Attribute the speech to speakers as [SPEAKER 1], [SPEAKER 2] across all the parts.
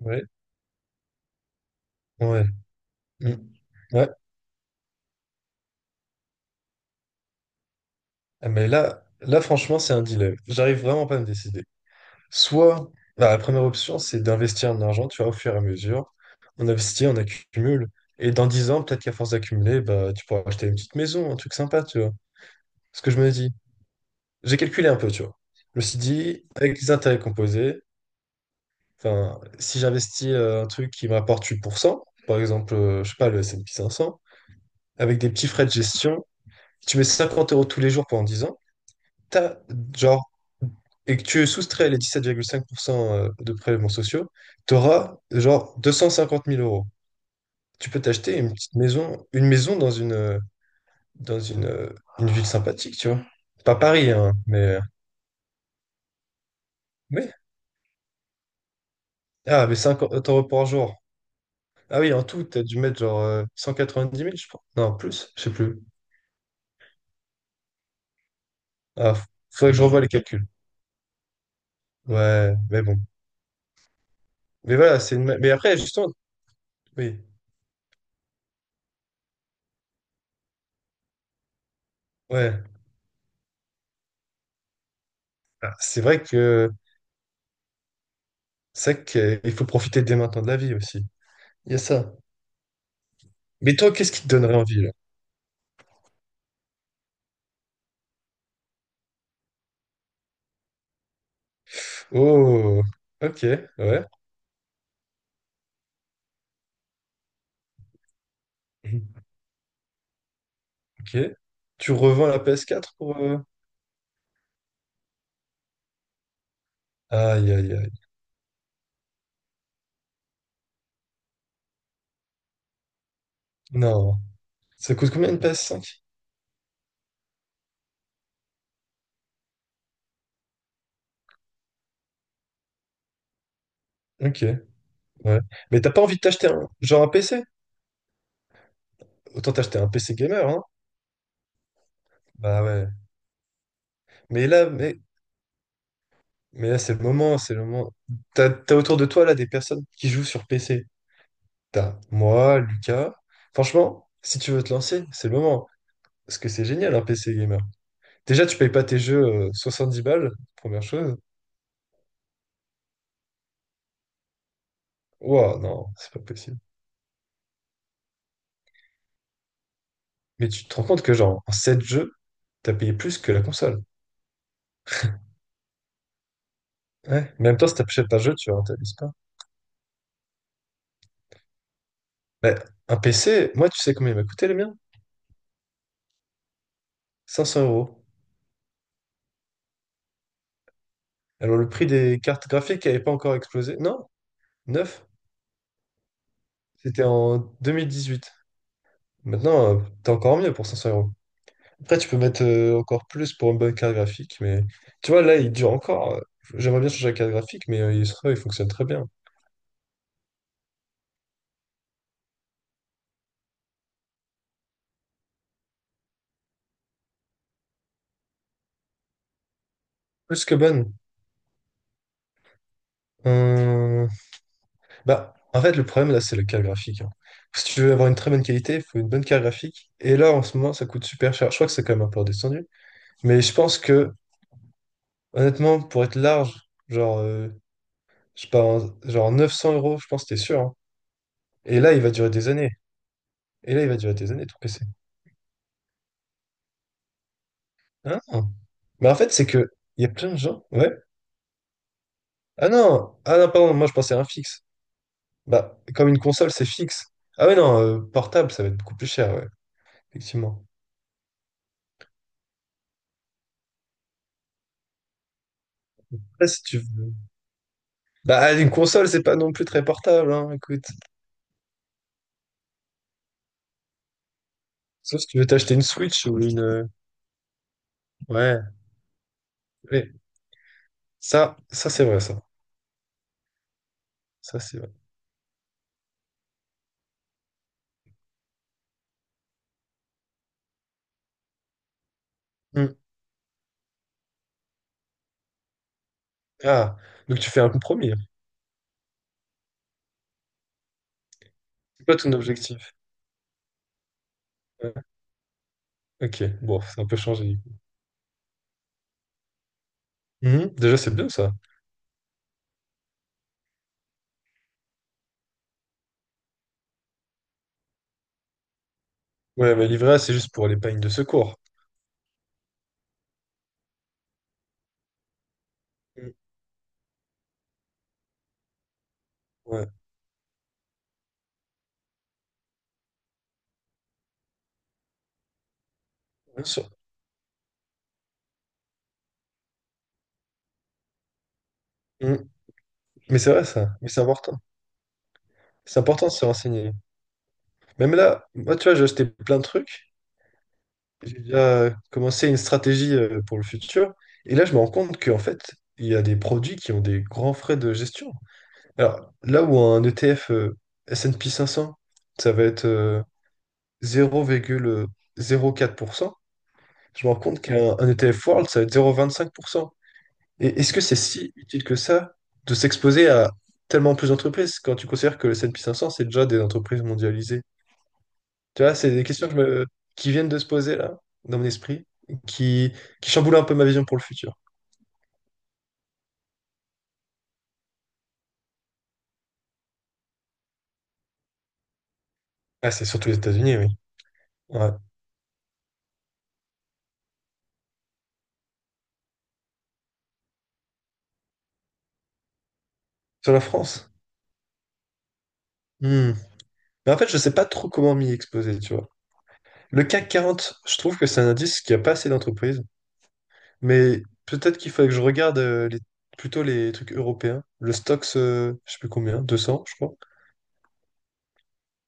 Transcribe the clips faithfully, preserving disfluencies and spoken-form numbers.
[SPEAKER 1] Ouais, ouais. Mm. Ouais. Ah, Mais là, là, franchement, c'est un dilemme. J'arrive vraiment pas à me décider. Soit, bah, la première option, c'est d'investir en argent, tu vois, au fur et à mesure. On investit, on accumule. Et dans dix ans, peut-être qu'à force d'accumuler, bah, tu pourras acheter une petite maison, un truc sympa, tu vois. Ce que je me dis. J'ai calculé un peu, tu vois. Je me suis dit, avec les intérêts composés, enfin, si j'investis euh, un truc qui m'apporte huit pour cent, par exemple, euh, je sais pas, le S et P cinq cents, avec des petits frais de gestion, tu mets cinquante euros tous les jours pendant dix ans, t'as- genre, et que tu soustrais les dix-sept virgule cinq pour cent euh, de prélèvements sociaux, tu auras genre deux cent cinquante mille euros. Tu peux t'acheter une petite maison, une maison dans une, euh, dans une, euh, une ville sympathique, tu vois. Pas Paris, hein, mais... euh, Oui. Ah, mais cinquante euros par jour. Ah oui, en tout, t'as dû mettre genre euh, dix mille je crois. Non, plus, je sais plus. Ah, f- faudrait que je revoie les calculs. Ouais, mais bon. Mais voilà, c'est une... ma- Mais après, justement, oui. Ouais. Ah, C'est vrai que C'est vrai qu'il faut profiter dès maintenant de la vie aussi. Il y a ça. Mais toi, qu'est-ce qui te donnerait envie là? Oh, ok, ouais. Ok. Tu revends la P S quatre pour... euh, Aïe, aïe, aïe. Non. Ça coûte combien une P S cinq? Ok, ouais. Mais t'as pas envie de t'acheter un... Genre un P C? Autant t'acheter un P C gamer, hein? Bah ouais. Mais là, mais, mais là, c'est le moment, c'est le moment. T'as, t'as autour de toi, là, des personnes qui jouent sur P C. T'as moi, Lucas. Franchement, si tu veux te lancer, c'est le moment. Parce que c'est génial, un P C gamer. Déjà, tu payes pas tes jeux euh, soixante-dix balles, première chose. Ouah, non, c'est pas possible. Mais tu te rends compte que, genre, en sept jeux, t'as payé plus que la console. Ouais. Mais en même temps, si t'achètes un jeu, tu rentabilises pas. Mais un P C, moi, tu sais combien il m'a coûté le mien? cinq cents euros. Alors, le prix des cartes graphiques n'avait pas encore explosé. Non, neuf. C'était en deux mille dix-huit. Maintenant, euh, t'as encore mieux pour cinq cents euros. Après, tu peux mettre euh, encore plus pour une bonne carte graphique, mais tu vois, là, il dure encore. euh, J'aimerais bien changer la carte graphique, mais euh, il, se- il fonctionne très bien. Plus que bonne. Euh, Bah, en fait, le problème là, c'est le carte graphique, hein. Si tu veux avoir une très bonne qualité, il faut une bonne carte graphique. Et là, en ce moment, ça coûte super cher. Je crois que c'est quand même un peu redescendu. Mais je pense que, honnêtement, pour être large, genre, euh, je sais pas, un- genre neuf cents euros, je pense que t'es sûr, hein. Et là, il va durer des années. Et là, il va durer des années, tout P C. Hein? Mais en fait, c'est que, il y a plein de gens. Ouais. Ah non, ah non, pardon, moi, je pensais à un fixe. Bah, comme une console, c'est fixe. Ah ouais, non, euh, portable, ça va être beaucoup plus cher, ouais, effectivement. Après, si tu veux. Bah, une console, c'est pas non plus très portable, hein, écoute. Sauf si tu veux t'acheter une Switch ou une. euh, Ouais. Ouais. Ça, ça c'est vrai, ça. Ça, c'est vrai. Hmm. Ah, donc tu fais un compromis, hein. C'est pas ton objectif. Ouais. Ok, bon, c'est un peu changé, du coup. Mhm. Déjà, c'est bien ça. Ouais, mais l'ivraie, c'est juste pour les pagnes de secours. Hmm. Ouais, bien sûr. Hmm. Mais c'est vrai, ça. Mais c'est important. C'est important de se renseigner. Même là, moi, tu vois, j'ai acheté plein de trucs. J'ai déjà commencé une stratégie euh, pour le futur. Et là, je me rends compte qu'en fait, il y a des produits qui ont des grands frais de gestion. Alors, là où un E T F euh, S et P cinq cents, ça va être euh, zéro virgule zéro quatre pour cent, je me rends compte qu'un un E T F World, ça va être zéro virgule vingt-cinq pour cent. Et est-ce que c'est si utile que ça de s'exposer à tellement plus d'entreprises quand tu considères que le S et P cinq cents, c'est déjà des entreprises mondialisées? Tu vois, c'est des questions que je me... qui viennent de se poser là, dans mon esprit, qui, qui chamboulent un peu ma vision pour le futur. Ah, c'est surtout les États-Unis, oui. Ouais. Sur la France? Hmm. Mais en fait, je sais pas trop comment m'y exposer, tu vois. Le CAC quarante, je trouve que c'est un indice qui a pas assez d'entreprises, mais peut-être qu'il faudrait que je regarde euh, les... plutôt les trucs européens. Le Stoxx, euh, je sais plus combien, deux cents, je crois.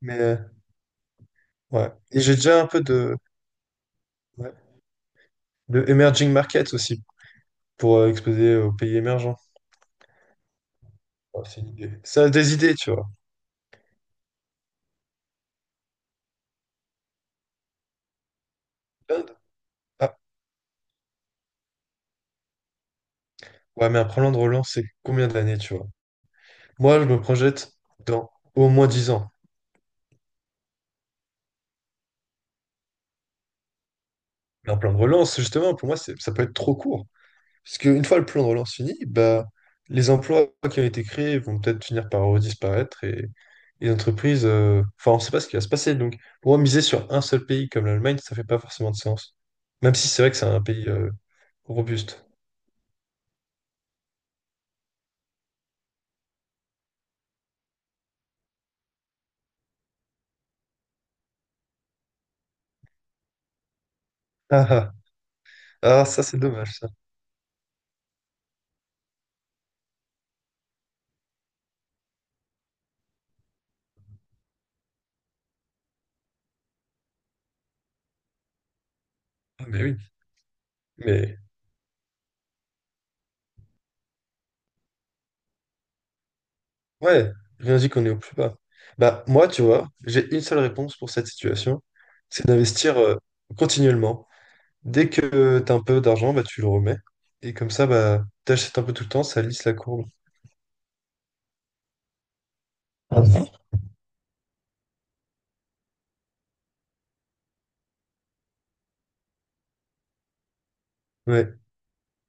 [SPEAKER 1] Mais euh, ouais. Et j'ai déjà un peu de... ouais, de emerging markets aussi pour euh, exposer aux pays émergents. Ouais, c'est une idée. Ça a des idées, tu vois. Ah, ouais, mais un plan de relance, c'est combien d'années, tu vois? Moi, je me projette dans au moins dix ans. Mais un plan de relance, justement, pour moi, c'est- ça peut être trop court. Parce qu'une fois le plan de relance fini, bah, les emplois qui ont été créés vont peut-être finir par disparaître et et les entreprises, euh, enfin, on ne sait pas ce qui va se passer. Donc, pour moi, miser sur un seul pays comme l'Allemagne, ça fait pas forcément de sens. Même si c'est vrai que c'est un pays euh, robuste. Ah, ah, ah, ça, c'est dommage, ça. Ah, mais oui, mais Ouais, rien dit qu'on est au plus bas. Bah, moi, tu vois, j'ai une seule réponse pour cette situation, c'est d'investir euh, continuellement. Dès que t'as un peu d'argent, bah, tu le remets. Et comme ça, bah, t'achètes un peu tout le temps, ça lisse la courbe. Ah bon. Ouais.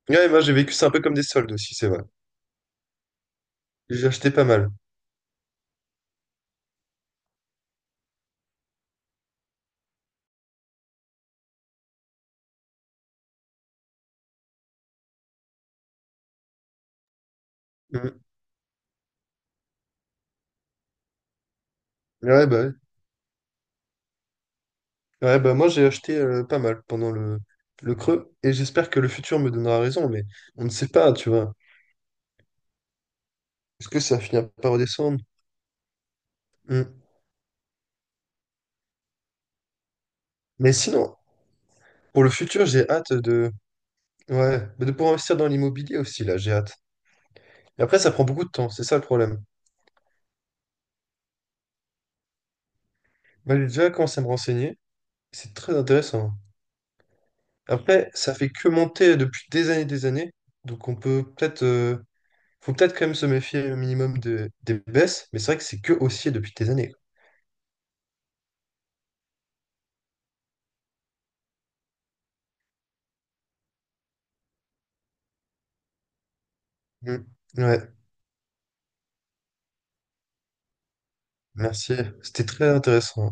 [SPEAKER 1] Ouais, moi, j'ai vécu ça un peu comme des soldes aussi, c'est vrai. J'ai acheté pas mal. Mhm. Ouais, bah, ouais. Ouais, bah, moi, j'ai acheté euh, pas mal pendant le, le creux. Et j'espère que le futur me donnera raison, mais on ne sait pas, tu vois. Est-ce que ça finira par redescendre? Mhm. Mais sinon, pour le futur, j'ai hâte de... Ouais, mais de pouvoir investir dans l'immobilier aussi, là, j'ai hâte. Mais après, ça prend beaucoup de temps, c'est ça le problème. Moi, j'ai déjà commencé à me renseigner, c'est très intéressant. Après, ça fait que monter depuis des années et des années, donc on peut peut-être... euh, faut peut-être quand même se méfier au minimum de- des baisses, mais c'est vrai que c'est que haussier depuis des années. Mm. Ouais, merci, c'était très intéressant.